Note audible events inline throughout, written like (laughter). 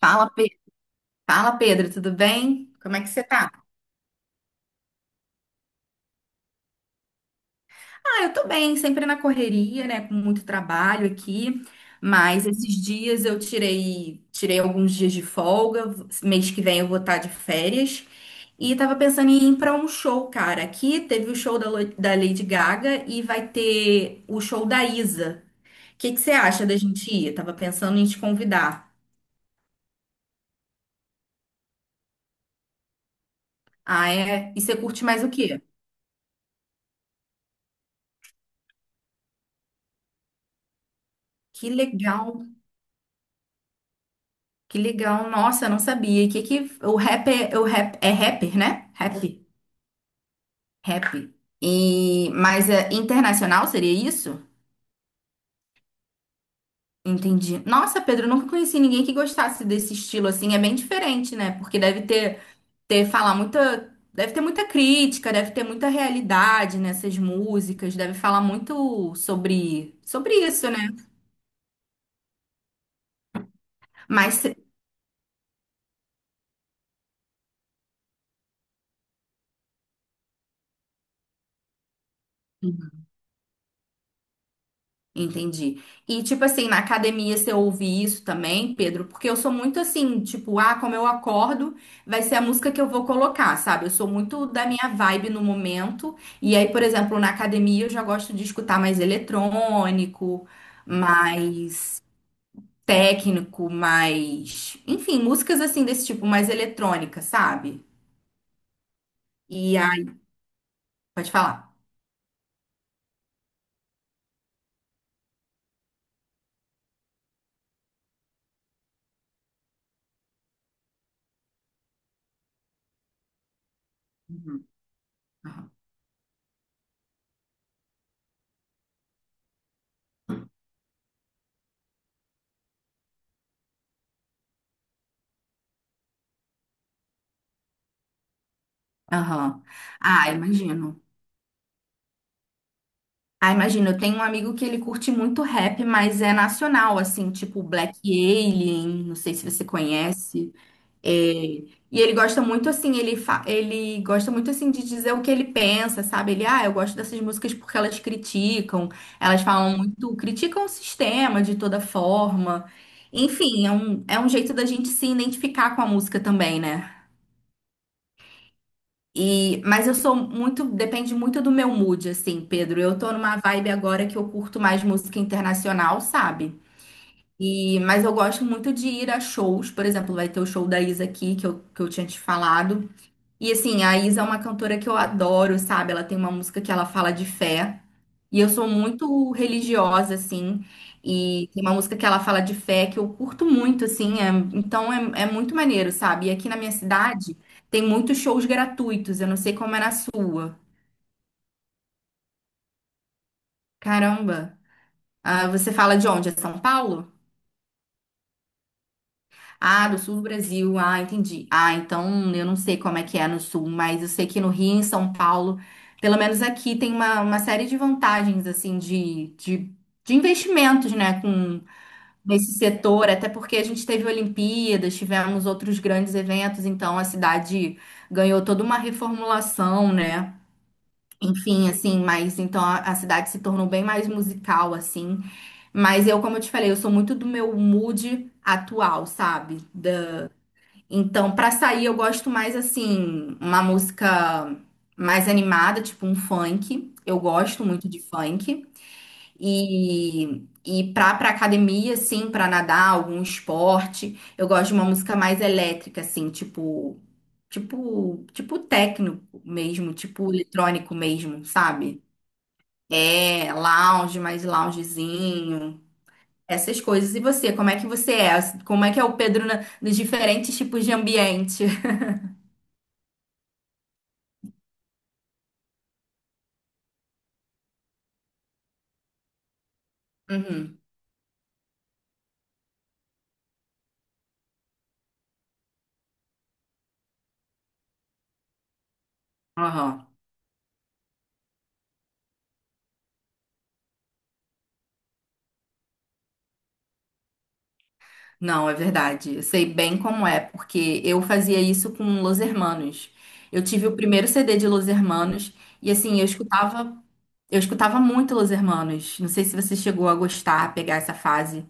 Fala, Pe- Fala, Pedro, tudo bem? Como é que você tá? Ah, eu tô bem, sempre na correria, né? Com muito trabalho aqui, mas esses dias eu tirei alguns dias de folga. Mês que vem eu vou estar de férias e tava pensando em ir pra um show, cara. Aqui teve o show da Lady Gaga e vai ter o show da Isa. O que que você acha da gente ir? Tava pensando em te convidar. Ah, é? E você curte mais o quê? Que legal. Que legal, nossa, eu não sabia. E que o rap é rapper, né? Rap. E mas é internacional seria isso? Entendi. Nossa, Pedro, eu nunca conheci ninguém que gostasse desse estilo assim, é bem diferente, né? Porque deve ter ter falar muita, deve ter muita crítica, deve ter muita realidade nessas músicas, deve falar muito sobre isso, né? Mas Entendi. E, tipo assim, na academia você ouve isso também, Pedro? Porque eu sou muito assim, tipo, ah, como eu acordo, vai ser a música que eu vou colocar, sabe? Eu sou muito da minha vibe no momento. E aí, por exemplo, na academia eu já gosto de escutar mais eletrônico, mais técnico, mais. Enfim, músicas assim desse tipo, mais eletrônica, sabe? E aí, pode falar. Aham. Ah, imagino. Ah, imagina, eu tenho um amigo que ele curte muito rap, mas é nacional, assim, tipo Black Alien, não sei se você conhece. É. E ele gosta muito, assim, ele gosta muito, assim, de dizer o que ele pensa, sabe? Ele, ah, eu gosto dessas músicas porque elas criticam, elas falam muito, criticam o sistema de toda forma. Enfim, é um jeito da gente se identificar com a música também, né? E, mas eu sou muito, depende muito do meu mood, assim, Pedro. Eu tô numa vibe agora que eu curto mais música internacional, sabe? E, mas eu gosto muito de ir a shows, por exemplo, vai ter o show da Isa aqui, que eu tinha te falado. E assim, a Isa é uma cantora que eu adoro, sabe? Ela tem uma música que ela fala de fé. E eu sou muito religiosa, assim. E tem uma música que ela fala de fé que eu curto muito, assim. Então é muito maneiro, sabe? E aqui na minha cidade tem muitos shows gratuitos. Eu não sei como é na sua. Caramba. Ah, você fala de onde? É São Paulo? Ah, do sul do Brasil. Ah, entendi. Ah, então eu não sei como é que é no sul, mas eu sei que no Rio, em São Paulo, pelo menos aqui tem uma série de vantagens, assim, de investimentos, né, com nesse setor, até porque a gente teve Olimpíadas, tivemos outros grandes eventos, então a cidade ganhou toda uma reformulação, né? Enfim, assim, mas então a cidade se tornou bem mais musical, assim. Mas eu, como eu te falei, eu sou muito do meu mood atual, sabe? Então, pra sair, eu gosto mais assim, uma música mais animada, tipo um funk. Eu gosto muito de funk. E, pra academia, assim, pra nadar, algum esporte, eu gosto de uma música mais elétrica, assim, tipo técnico mesmo, tipo eletrônico mesmo, sabe? É, lounge, mais loungezinho. Essas coisas. E você, como é que você é? Como é que é o Pedro nos diferentes tipos de ambiente? (laughs) Uhum. Aham. Não, é verdade. Eu sei bem como é, porque eu fazia isso com Los Hermanos. Eu tive o primeiro CD de Los Hermanos e assim, eu escutava muito Los Hermanos. Não sei se você chegou a gostar, a pegar essa fase.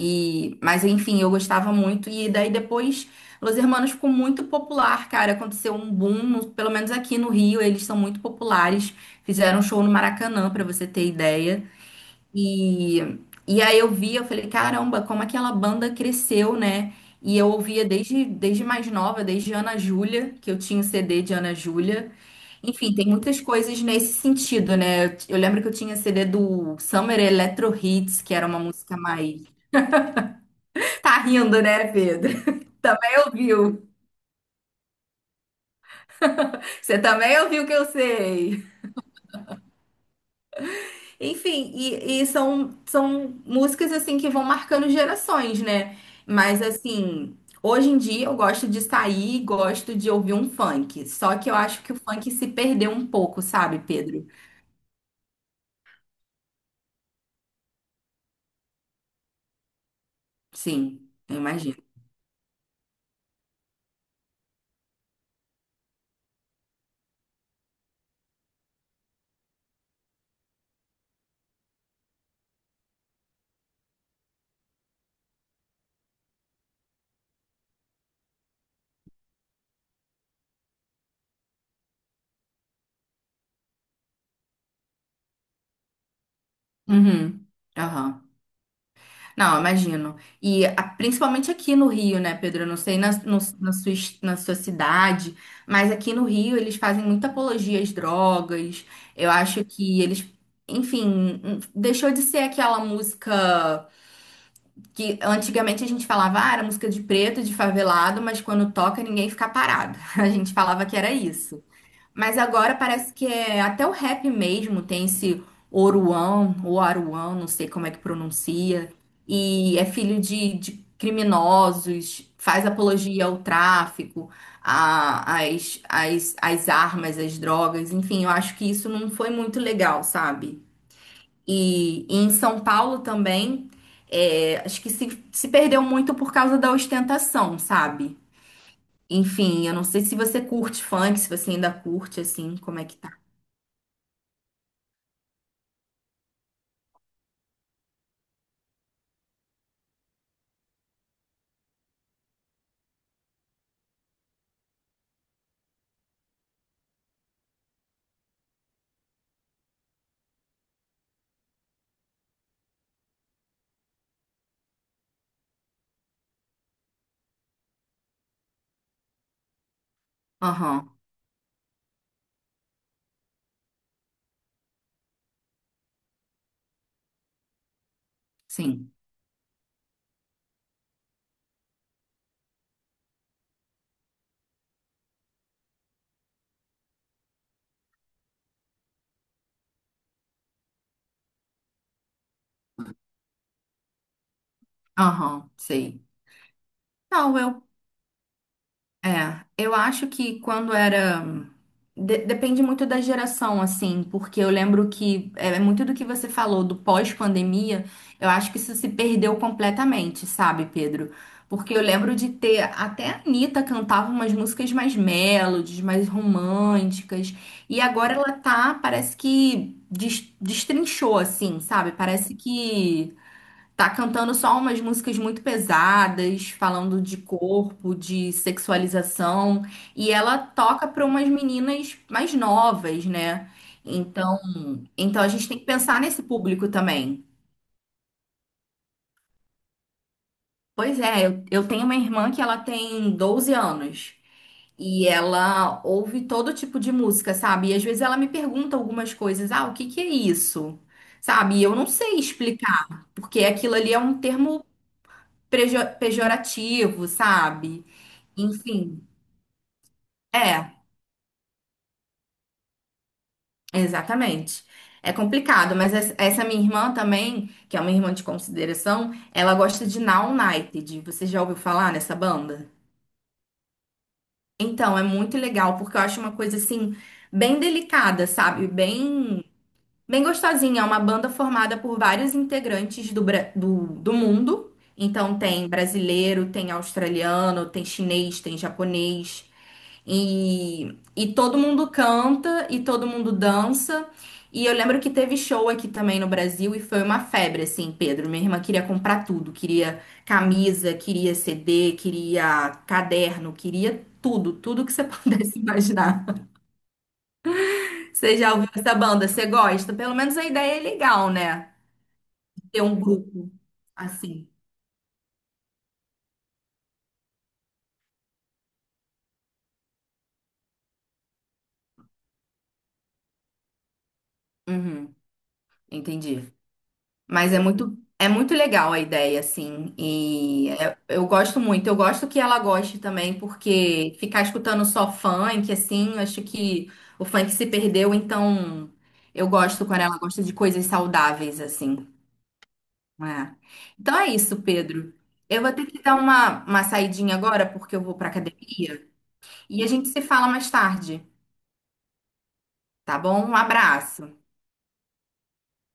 E, mas enfim, eu gostava muito e daí depois Los Hermanos ficou muito popular, cara. Aconteceu um boom, pelo menos aqui no Rio, eles são muito populares. Fizeram um show no Maracanã, pra você ter ideia. E, e aí eu via, eu falei, caramba, como aquela banda cresceu, né? E eu ouvia desde mais nova, desde Ana Júlia, que eu tinha o CD de Ana Júlia. Enfim, tem muitas coisas nesse sentido, né? Eu lembro que eu tinha CD do Summer Electro Hits, que era uma música mais. Tá rindo, né, Pedro? (laughs) Também ouviu. Você também ouviu o que eu sei. Enfim, e são, são músicas assim que vão marcando gerações, né? Mas assim, hoje em dia eu gosto de sair e gosto de ouvir um funk. Só que eu acho que o funk se perdeu um pouco, sabe, Pedro? Sim, eu imagino. Uhum. Aham. Não, imagino. E principalmente aqui no Rio, né, Pedro? Eu não sei na, no- na sua, na sua cidade, mas aqui no Rio eles fazem muita apologia às drogas. Eu acho que eles, enfim, deixou de ser aquela música que antigamente a gente falava, ah, era música de preto, de favelado, mas quando toca ninguém fica parado. (laughs) A gente falava que era isso. Mas agora parece que é até o rap mesmo tem esse Oruan, ou Aruan, não sei como é que pronuncia, e é filho de criminosos, faz apologia ao tráfico, às armas, às drogas, enfim, eu acho que isso não foi muito legal, sabe? E em São Paulo também, é, acho que se perdeu muito por causa da ostentação, sabe? Enfim, eu não sei se você curte funk, se você ainda curte, assim, como é que tá. Aham, sim. Aham, sei. Não, eu. É, eu acho que quando era. Depende muito da geração, assim, porque eu lembro que é muito do que você falou do pós-pandemia, eu acho que isso se perdeu completamente, sabe, Pedro? Porque eu lembro de ter. Até a Anitta cantava umas músicas mais melodies, mais românticas, e agora ela tá, parece que destrinchou, assim, sabe? Parece que. Tá cantando só umas músicas muito pesadas, falando de corpo, de sexualização, e ela toca para umas meninas mais novas, né? Então, então a gente tem que pensar nesse público também. Pois é, eu tenho uma irmã que ela tem 12 anos e ela ouve todo tipo de música, sabe? E às vezes ela me pergunta algumas coisas, ah, o que que é isso? Sabe? E eu não sei explicar, porque aquilo ali é um termo pejorativo, sabe? Enfim, é, exatamente. É complicado, mas essa minha irmã também, que é uma irmã de consideração, ela gosta de Now United. Você já ouviu falar nessa banda? Então, é muito legal, porque eu acho uma coisa assim, bem delicada, sabe? Bem gostosinha. É uma banda formada por vários integrantes do mundo. Então, tem brasileiro, tem australiano, tem chinês, tem japonês. E todo mundo canta e todo mundo dança. E eu lembro que teve show aqui também no Brasil e foi uma febre, assim, Pedro. Minha irmã queria comprar tudo, queria camisa, queria CD, queria caderno, queria tudo, tudo que você (laughs) pudesse imaginar. Você já ouviu essa banda? Você gosta? Pelo menos a ideia é legal, né? Ter um grupo assim. Uhum, entendi. Mas é muito legal a ideia, assim. Eu gosto muito. Eu gosto que ela goste também, porque ficar escutando só funk, assim, eu acho que o funk se perdeu, então eu gosto quando ela gosta de coisas saudáveis, assim. Né? Então é isso, Pedro. Eu vou ter que dar uma saidinha agora, porque eu vou pra academia. E a gente se fala mais tarde, tá bom? Um abraço.